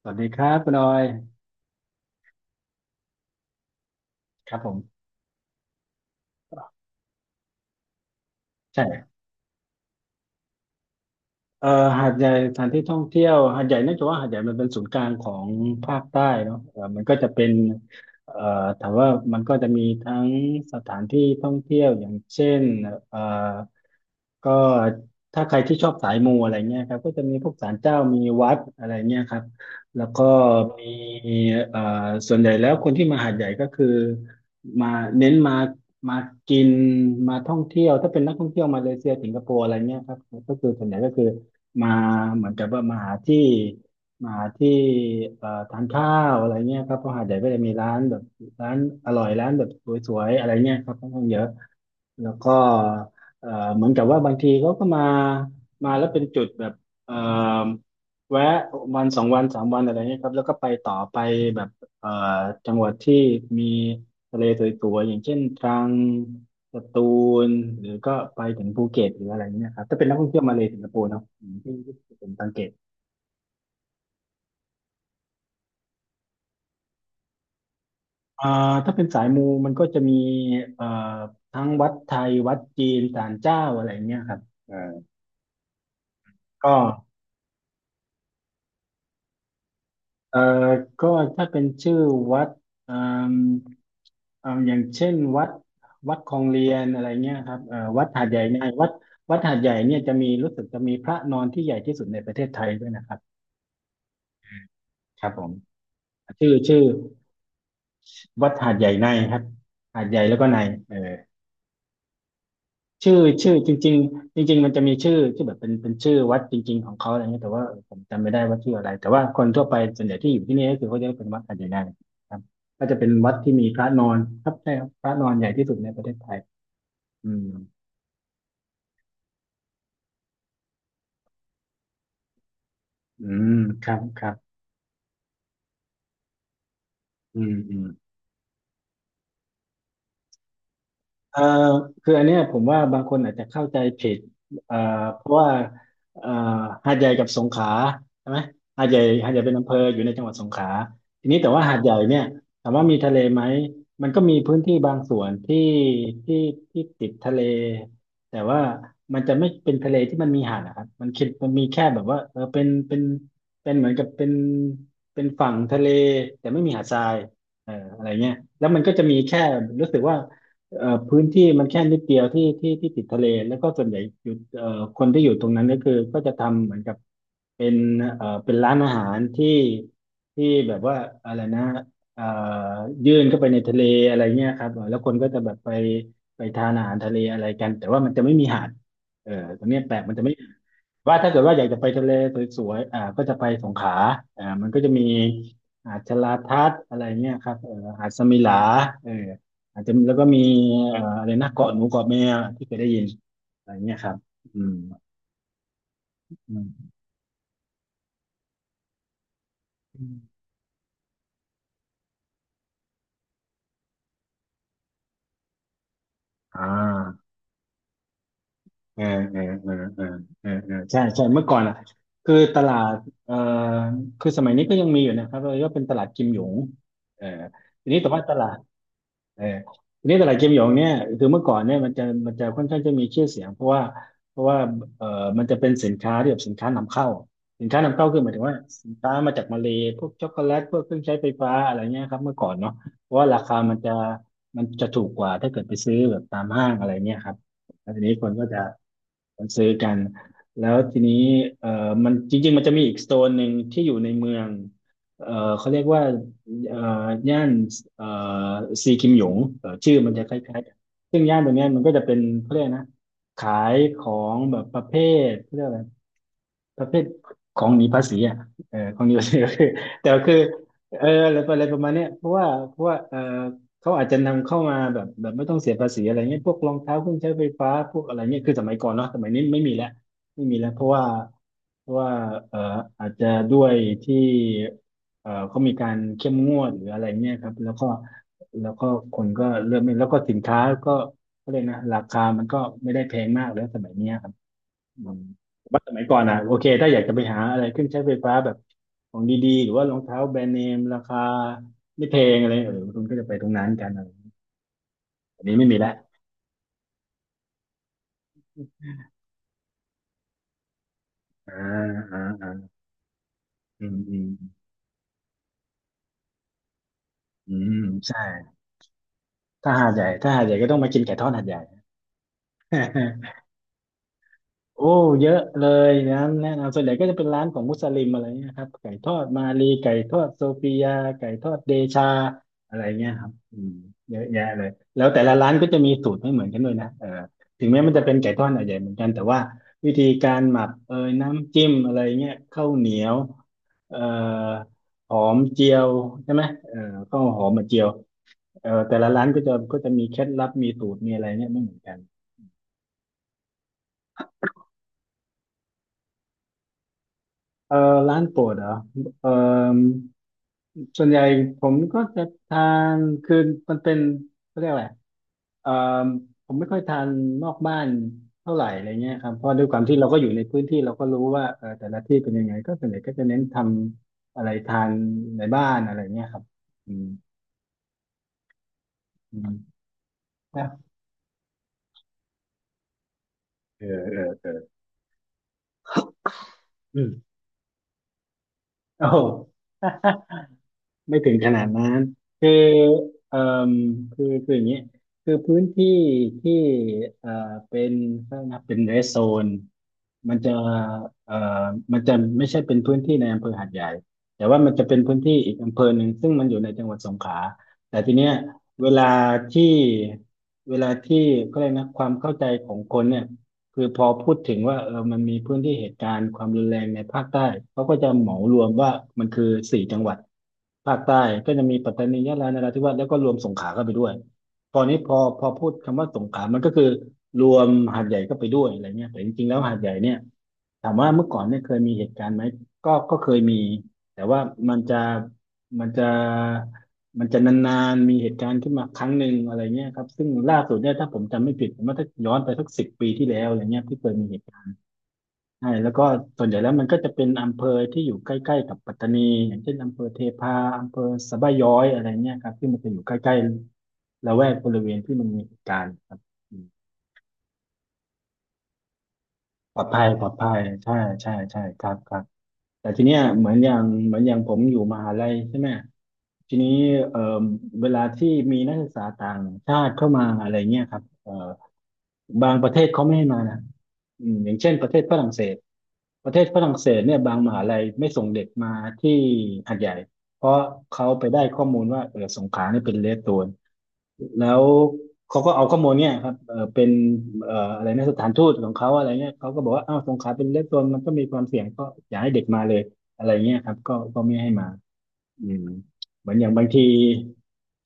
สวัสดีครับคุณออยครับผมใช่ เอ่อหาดใหญ่สถานที่ท่องเที่ยวหาดใหญ่เนื่องจากว่าหาดใหญ่มันเป็นศูนย์กลางของภาคใต้เนาะมันก็จะเป็นเอ่อถามว่ามันก็จะมีทั้งสถานที่ท่องเที่ยวอย่างเช่นเอ่อก็ถ้าใครที่ชอบสายมูอะไรเงี้ยครับก็จะมีพวกศาลเจ้ามีวัดอะไรเงี้ยครับแล้วก็มีเอ่อส่วนใหญ่แล้วคนที่มาหาดใหญ่ก็คือมาเน้นมามากินมาท่องเที่ยวถ้าเป็นนักท่องเที่ยวมาเลเซียสิงคโปร์อะไรเงี้ยครับก็คือส่วนใหญ่ก็คือ มาเหมือนกับว่ามาหาที่มาหาที่ทานข้าวอะไรเงี้ยครับเพราะหาดใหญ่ก็จะมีร้านแบบร้านอร่อยร้านแบบสวยๆอะไรเงี้ยครับค่อนข้างเยอะ แล้วก็เอ่อเหมือนกับว่าบางทีเขาก็มามาแล้วเป็นจุดแบบเอ่อแวะวันสองวันสามวันอะไรเงี้ยครับแล้วก็ไปต่อไปแบบเอ่อจังหวัดที่มีทะเลสวยๆอย่างเช่นตรังสตูลหรือก็ไปถึงภูเก็ตหรืออะไรเงี้ยครับถ้าเป็นนักท่องเที่ยวมาเลสิงคโปร์เนาะอืมที่ที่ผมสังเกตอ่าถ้าเป็นสายมูมันก็จะมีเอ่อทั้งวัดไทยวัดจีนศาลเจ้าอะไรเงี้ยครับเอ่าก็ เอ่อก็ถ้าเป็นชื่อวัดเอ่มอย่างเช่นวัดคลองเรียนอะไรเงี้ยครับวัดหาดใหญ่ไงวัดหาดใหญ่เนี่ยจะมีรู้สึกจะมีพระนอนที่ใหญ่ที่สุดในประเทศไทยด้วยนะครับครับผมชื่อวัดหาดใหญ่ในครับหาดใหญ่แล้วก็ในเออ ชื่อชื่อจริงๆจริงๆมันจะมีชื่อที่แบบเป็นเป็นชื่อวัดจริงๆของเขาอะไรเงี้ยแต่ว่าเออผมจำไม่ได้ว่าชื่ออะไรแต่ว่าคนทั่วไปส่วนใหญ่ที่อยู่ที่นี่ก็คือเขาจะเป็นวัดอาจจะง่ายครับก็จะเป็นวัดที่มีพระนอนครับใช่ครับพระนอนใหญ่ที่สุดในประเทศไทยอืมอืมครับครับอืมอืม เอ่อคืออันเนี้ยผมว่าบางคนอาจจะเข้าใจผิดเอ่อเพราะว่าเอ่อหาดใหญ่กับสงขลาใช่ไหมหาดใหญ่หาดใหญ่เป็นอำเภออยู่ในจังหวัดสงขลาทีนี้แต่ว่าหาดใหญ่เนี่ยถามว่ามีทะเลไหมมันก็มีพื้นที่บางส่วนที่ที่ที่ติดทะเลแต่ว่ามันจะไม่เป็นทะเลที่มันมีหาดนะครับมันคิดมันมีแค่แบบว่าเออเป็นเป็นเป็นเหมือนกับเป็นฝั่งทะเลแต่ไม่มีหาดทรายเอออะไรเงี้ยแล้วมันก็จะมีแค่รู้สึกว่า พื้นที่มันแค่นิดเดียวที่ที่ติดทะเลแล้วก็ส่วนใหญ่อยู่คนที่อยู่ตรงนั้นก็คือก็จะทำเหมือนกับเป็นเป็นร้านอาหารที่แบบว่าอะไรนะเอ่อยื่นเข้าไปในทะเลอะไรเงี้ยครับเออแล้วคนก็จะแบบไปทานอาหารทะเลอะไรกันแต่ว่ามันจะไม่มีหาดเออตรงเนี้ยแปลกมันจะไม่ว่าถ้าเกิดว่าอยากจะไปทะเลสวยๆอ่าก็จะไปสงขลาอ่ามันก็จะมีหาดชะลาทัดอะไรเงี้ยครับเออหาดสมิหลาเออ อาจจะแล้วก็มีอะไรนะเกาะหนูเกาะแมวที่เคยได้ยินอะไรเงี้ยครับอืมอืมออ่าเออเออเออเออเออเออใช่ใช่เมื่อก่อนอ่ะคือตลาดเอ่อคือสมัยนี้ก็ยังมีอยู่นะครับเราก็เป็นตลาดกิมหยงเออทีนี้แต่ว่าตลาด เออทีนี้ตลาดเกมหยงเนี่ยคือเมื่อก่อนเนี่ยมันจะมันจะค่อนข้างจะมีชื่อเสียงเพราะว่าเพราะว่าเออมันจะเป็นสินค้าที่แบบสินค้านำเข้าสินค้านำเข้าคือหมายถึงว่าสินค้ามาจากมาเลย์พวกช็อกโกแลตพวกเครื่องใช้ไฟฟ้าอะไรเงี้ยครับเมื่อก่อนเนาะเพราะว่าราคามันจะถูกกว่าถ้าเกิดไปซื้อแบบตามห้างอะไรเงี้ยครับแล้วทีนี้คนก็จะคนซื้อกัน แล้วทีนี้เออมันจริงๆมันจะมีอีกโซนหนึ่งที่อยู่ในเมืองเออเขาเรียกว่า เอ่อย่านเอ่อซีคิมหยงชื่อมันจะคล้ายๆกันซึ่งย่านตรงเนี้ยมันก็จะเป็นเขาเรียกนะขายของแบบประเภทเขาเรียกอะไร ประเภทของหนีภาษีอ่ะเออของหนีภาษี ก็คือแต่ก็คืออะไรอะไรประมาณเนี้ยเพราะว่าเขาอาจจะนำเข้ามาแบบไม่ต้องเสียภาษีอะไรเงี้ยพวกรองเท้าเครื่องใช้ไฟฟ้าพวกอะไรเงี้ยคือสมัยก่อนเนาะสมัยนี้ไม่มีแล้วไม่มีแล้วเพราะว่าเพราะว่าเอออาจจะด้วยที่เขามีการเข้มงวดหรืออะไรเงี้ยครับแล้วก็คนก็เริ่มไม่แล้วก็สินค้าก็ก็เลยกนะราคามันก็ไม่ได้แพงมากแล้วสมัยเนี้ยครับ อืมว่าสมัยก่อนอ่ะโอเคถ้าอยากจะไปหาอะไรเครื่องใช้ไฟฟ้าแบบของดีๆหรือว่ารองเท้าแบรนด์เนมราคาไม่แพงอะไรคุณก็จะไปตรงนั้นกันอะไรอย่างเงี้ยอันนี้ไม่มีและอ่าอ่าอ่าอืมอืมอืมใช่ถ้าหาดใหญ่ถ้าหาดใหญ่ก็ต้องมากินไก่ทอดหาดใหญ่ โอ้เยอะเลยนะแนะนำส่วนใหญ่ก็จะเป็นร้านของมุสลิมอะไรเงี้ยครับไก่ทอดมาลีไก่ทอดโซฟียาไก่ทอดเดชาอะไรเงี้ยครับอืมเยอะแยะเลยแล้วแต่ละร้านก็จะมีสูตรไม่เหมือนกันด้วยนะเออถึงแม้มันจะเป็นไก่ทอดหาดใหญ่เหมือนกันแต่ว่าวิธีการหมักเอยน้ำจิ้มอะไรเงี้ยข้าวเหนียวเอ่อหอมเจียวใช่ไหมเออข้าวหอมมาเจียวเออแต่ละร้านก็จะก็จะมีเคล็ดลับมีสูตรมีอะไรเนี่ยไม่เหมือนกัน เออร้านโปรดเหรอเออส่วนใหญ่ผมก็จะทานคือมันเป็นเขาเรียกอะไรเออผมไม่ค่อยทานนอกบ้านเท่าไหร่อะไรเงี้ยครับเพราะด้วยความที่เราก็อยู่ในพื้นที่เราก็รู้ว่าเออแต่ละที่เป็นยังไงก็ส่วนใหญ่ก็จะเน้นทำอะไรทานในบ้านอะไรเงี้ยครับอืมอืมนะเออเออเอออืมโอ้ ไม่ถึงขนาดนั้น คือเอ่อคือคืออย่างนี้คือพื้นที่ที่เอ่อเป็นถ้านับเป็นเรสโซนมันจะเอ่อมันจะไม่ใช่เป็นพื้นที่ในอำเภอหาดใหญ่ แต่ว่ามันจะเป็นพื้นที่อีกอำเภอหนึ่งซึ่งมันอยู่ในจังหวัดสงขลาแต่ทีเนี้ยเวลาที่เวลาที่ก็เลยกนะความเข้าใจของคนเนี่ย คือพอพูดถึงว่าเออมันมีพื้นที่เหตุการณ์ความรุนแรงในภาคใต้เขาก็จะเหมารวมว่ามันคือสี่จังหวัดภาคใต้ก็จะมีปัตตานียะลานราธิวาสแล้วก็รวมสงขลาเข้าไปด้วยตอนนี้พอพูดคำว่าสงขลามันก็คือรวมหาดใหญ่เข้าไปด้วยอะไรเงี้ยแต่จริงๆแล้วหาดใหญ่เนี่ยถามว่าเมื่อก่อนเนี่ยเคยมีเหตุการณ์ไหมก็ก็เคยมีแต่ว่ามันจะมันจะ มันจะนานๆมีเหตุการณ์ขึ้นมาครั้งหนึ่งอะไรเงี้ยครับซึ่งล่าสุดเนี่ยถ้าผมจำไม่ผิดผมว่าถ้าย้อนไปสักสิบปีที่แล้วอะไรเงี้ยที่เคยมีเหตุการณ์ใช่แล้วก็ส่วนใหญ่แล้วมันก็จะเป็นอำเภอที่อยู่ใกล้ๆกับปัตตานีอย่างเช่นอำเภอเทพาอำเภอสะบ้าย้อยอะไรเงี้ยครับที่มันจะอยู่ใกล้ๆละแวกบริเวณที่มันมีเหตุการณ์ครับ ปลอดภัยปลอดภัยใช่ใช่ใช่ครับครับแต่ทีเนี้ยเหมือนอย่างเหมือนอย่างผมอยู่มหาลัยใช่ไหมทีนี้เอ่อเวลาที่มีนักศึกษาต่างชาติเข้ามาอะไรเงี้ยครับบางประเทศเขาไม่ให้มานะอืมอย่างเช่นประเทศฝรั่งเศสประเทศฝรั่งเศสเนี่ยบางมหาลัยไม่ส่งเด็กมาที่หาดใหญ่เพราะเขาไปได้ข้อมูลว่าเออสงขลาเนี่ยเป็นเรดโซนแล้ว เขาก็เอาข้อมูลเนี่ยครับเออเป็นอะไรนะสถานทูตของเขาอะไรเงี้ยเขาก็บอกว่าอ้าวสงขลาเป็นเรดโซนมันก็มีความเสี่ยงก็อย่าให้เด็กมาเลยอะไรเงี้ยครับก็ก็ไม่ให้มาอืมเหมือนอย่างบางที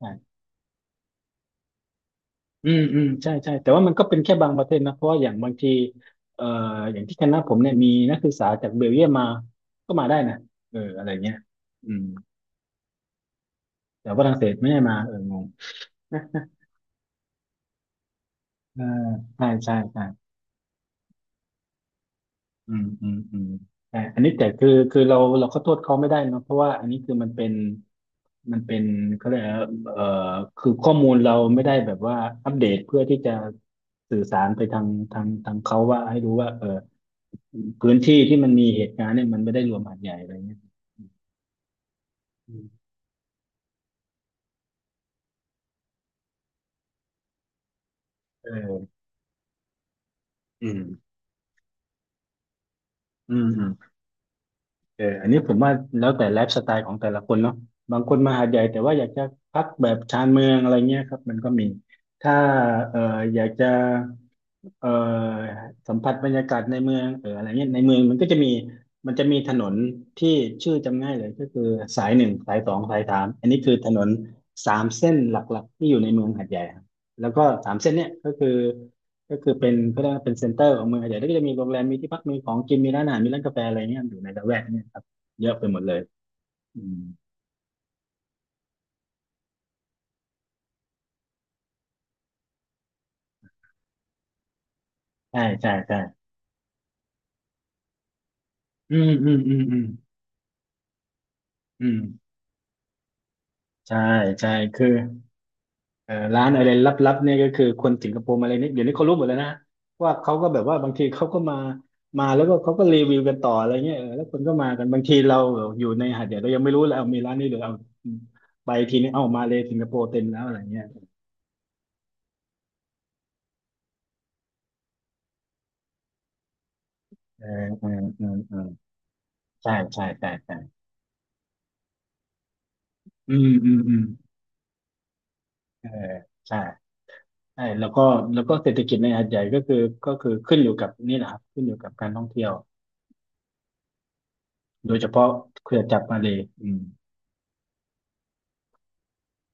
อ่ะอืมอืมใช่ใช่แต่ว่ามันก็เป็นแค่บางประเทศนะเพราะว่าอย่างบางทีเอ่ออย่างที่คณะผมเนี่ยมีนักศึกษาจากเบลเยียมมาก็มาได้นะเอออะไรเงี้ยอืมแต่ว่าฝรั่งเศสไม่ให้มาเอองง เออใช่ใช่ใช่ อืมอืมอืมแต่อันนี้แต่คือเราก็โทษเขาไม่ได้เนอะเพราะว่าอันนี้คือมันเป็นมันเป็นเขาเรียกอะไรนะเอ่อคือข้อมูลเราไม่ได้แบบว่าอัปเดตเพื่อที่จะสื่อสารไปทางเขาว่าให้รู้ว่าเออพื้นที่ที่มันมีเหตุการณ์เนี่ยมันไม่ได้รวมหาดใหญ่อะไรเงี้ยอืมเอออืมอืม เอออันนี้ผมว่าแล้วแต่ไลฟ์สไตล์ของแต่ละคนเนาะบางคนมาหาดใหญ่แต่ว่าอยากจะพักแบบชานเมืองอะไรเงี้ยครับมันก็มี ถ้าเอออยากจะ เอ่อสัมผัสบรรยากาศในเมืองเอออะไรเงี้ยในเมืองมันก็จะมีมันจะมีถนนที่ชื่อจำง่ายเลยก็คือสายหนึ่งสายสองสายสามอันนี้คือถนนสามเส้นหลักๆที่อยู่ในเมืองหาดใหญ่ครับแล้วก็สามเส้นเนี้ยก็คือก็คือเป็นก็ได้ว่าเป็นเซ็นเตอร์ของเมืองหาดใหญ่แล้วก็จะมีโรงแรมมีที่พักมีของกินมีร้านอาหารมีร้านกาแฟอะไรเงี้ยอยู่ในละแวกเนี้ยครับเยอะไปหมดเลยอืมใช่ใช่ใช่อืมอืมอืมอืมอืมใช่ใช่คือ ร้านอะไรลับๆเนี่ยก็คือคนสิงคโปร์มาเลยเนี่ยเดี๋ยวนี้เขารู้หมดแล้วนะว่าเขาก็แบบว่าบางทีเขาก็มามาแล้วก็เขาก็รีวิวกันต่ออะไรเงี้ยเออแล้วคนก็มากันบางทีเราอยู่ในหาดใหญ่เรายังไม่รู้เลยเอามีร้านนี้หรือเอาไปทีนี้เอ้ามาเลยสิงคโปร์เต็มแล้วอะไรเงี้ยเออเออเออเออใช่ใช่ใช่ใช่อืมอืมอืมเออใช่ใช่แล้วก็แล้วก็เศรษฐกิจในหาดใหญ่ก็คือก็คือขึ้นอยู่กับนี่แหละครับขึ้นอยู่กับการท่องเที่ยวโดยเฉพาะเครือจักรมาเลยอืม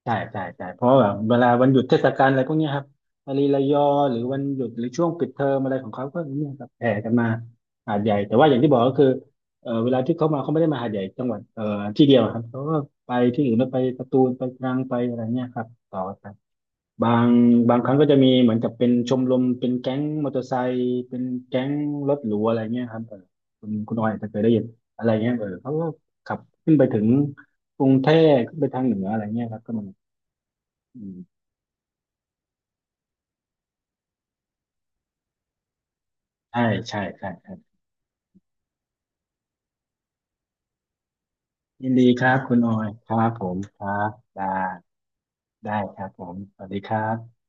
ใช่ใช่ใช่เพราะว่าแบบเวลาวันหยุดเทศกาลอะไรพวกเนี้ยครับมาลีระยอหรือวันหยุดหรือช่วงปิดเทอมอะไรของเขาก็เนี่ยครับแห่กันมาหาดใหญ่แต่ว่าอย่างที่บอกก็คือเออเวลาที่เขามาเขาไม่ได้มาหาดใหญ่จังหวัดเออที่เดียวครับเขาก็ไปที่อื่นแล้วไปสตูลไปตรังไปอะไรเนี่ยครับต่อกันบางบางครั้งก็จะมีเหมือนกับเป็นชมรมเป็นแก๊งมอเตอร์ไซค์เป็นแก๊งรถหรูอะไรเงี้ยครับเออคุณออยอาจจะเคยได้ยินอะไรเงี้ยเออเขาก็ขับขึ้นไปถึงกรุงเทพขึ้นไปทางเหนืออะไรเงี้ยครับก็มี อืมใช่ใช่ใช่ครับยินดีครับคุณออยครับผมครับได้ได้ครับผมสวัสดีครับ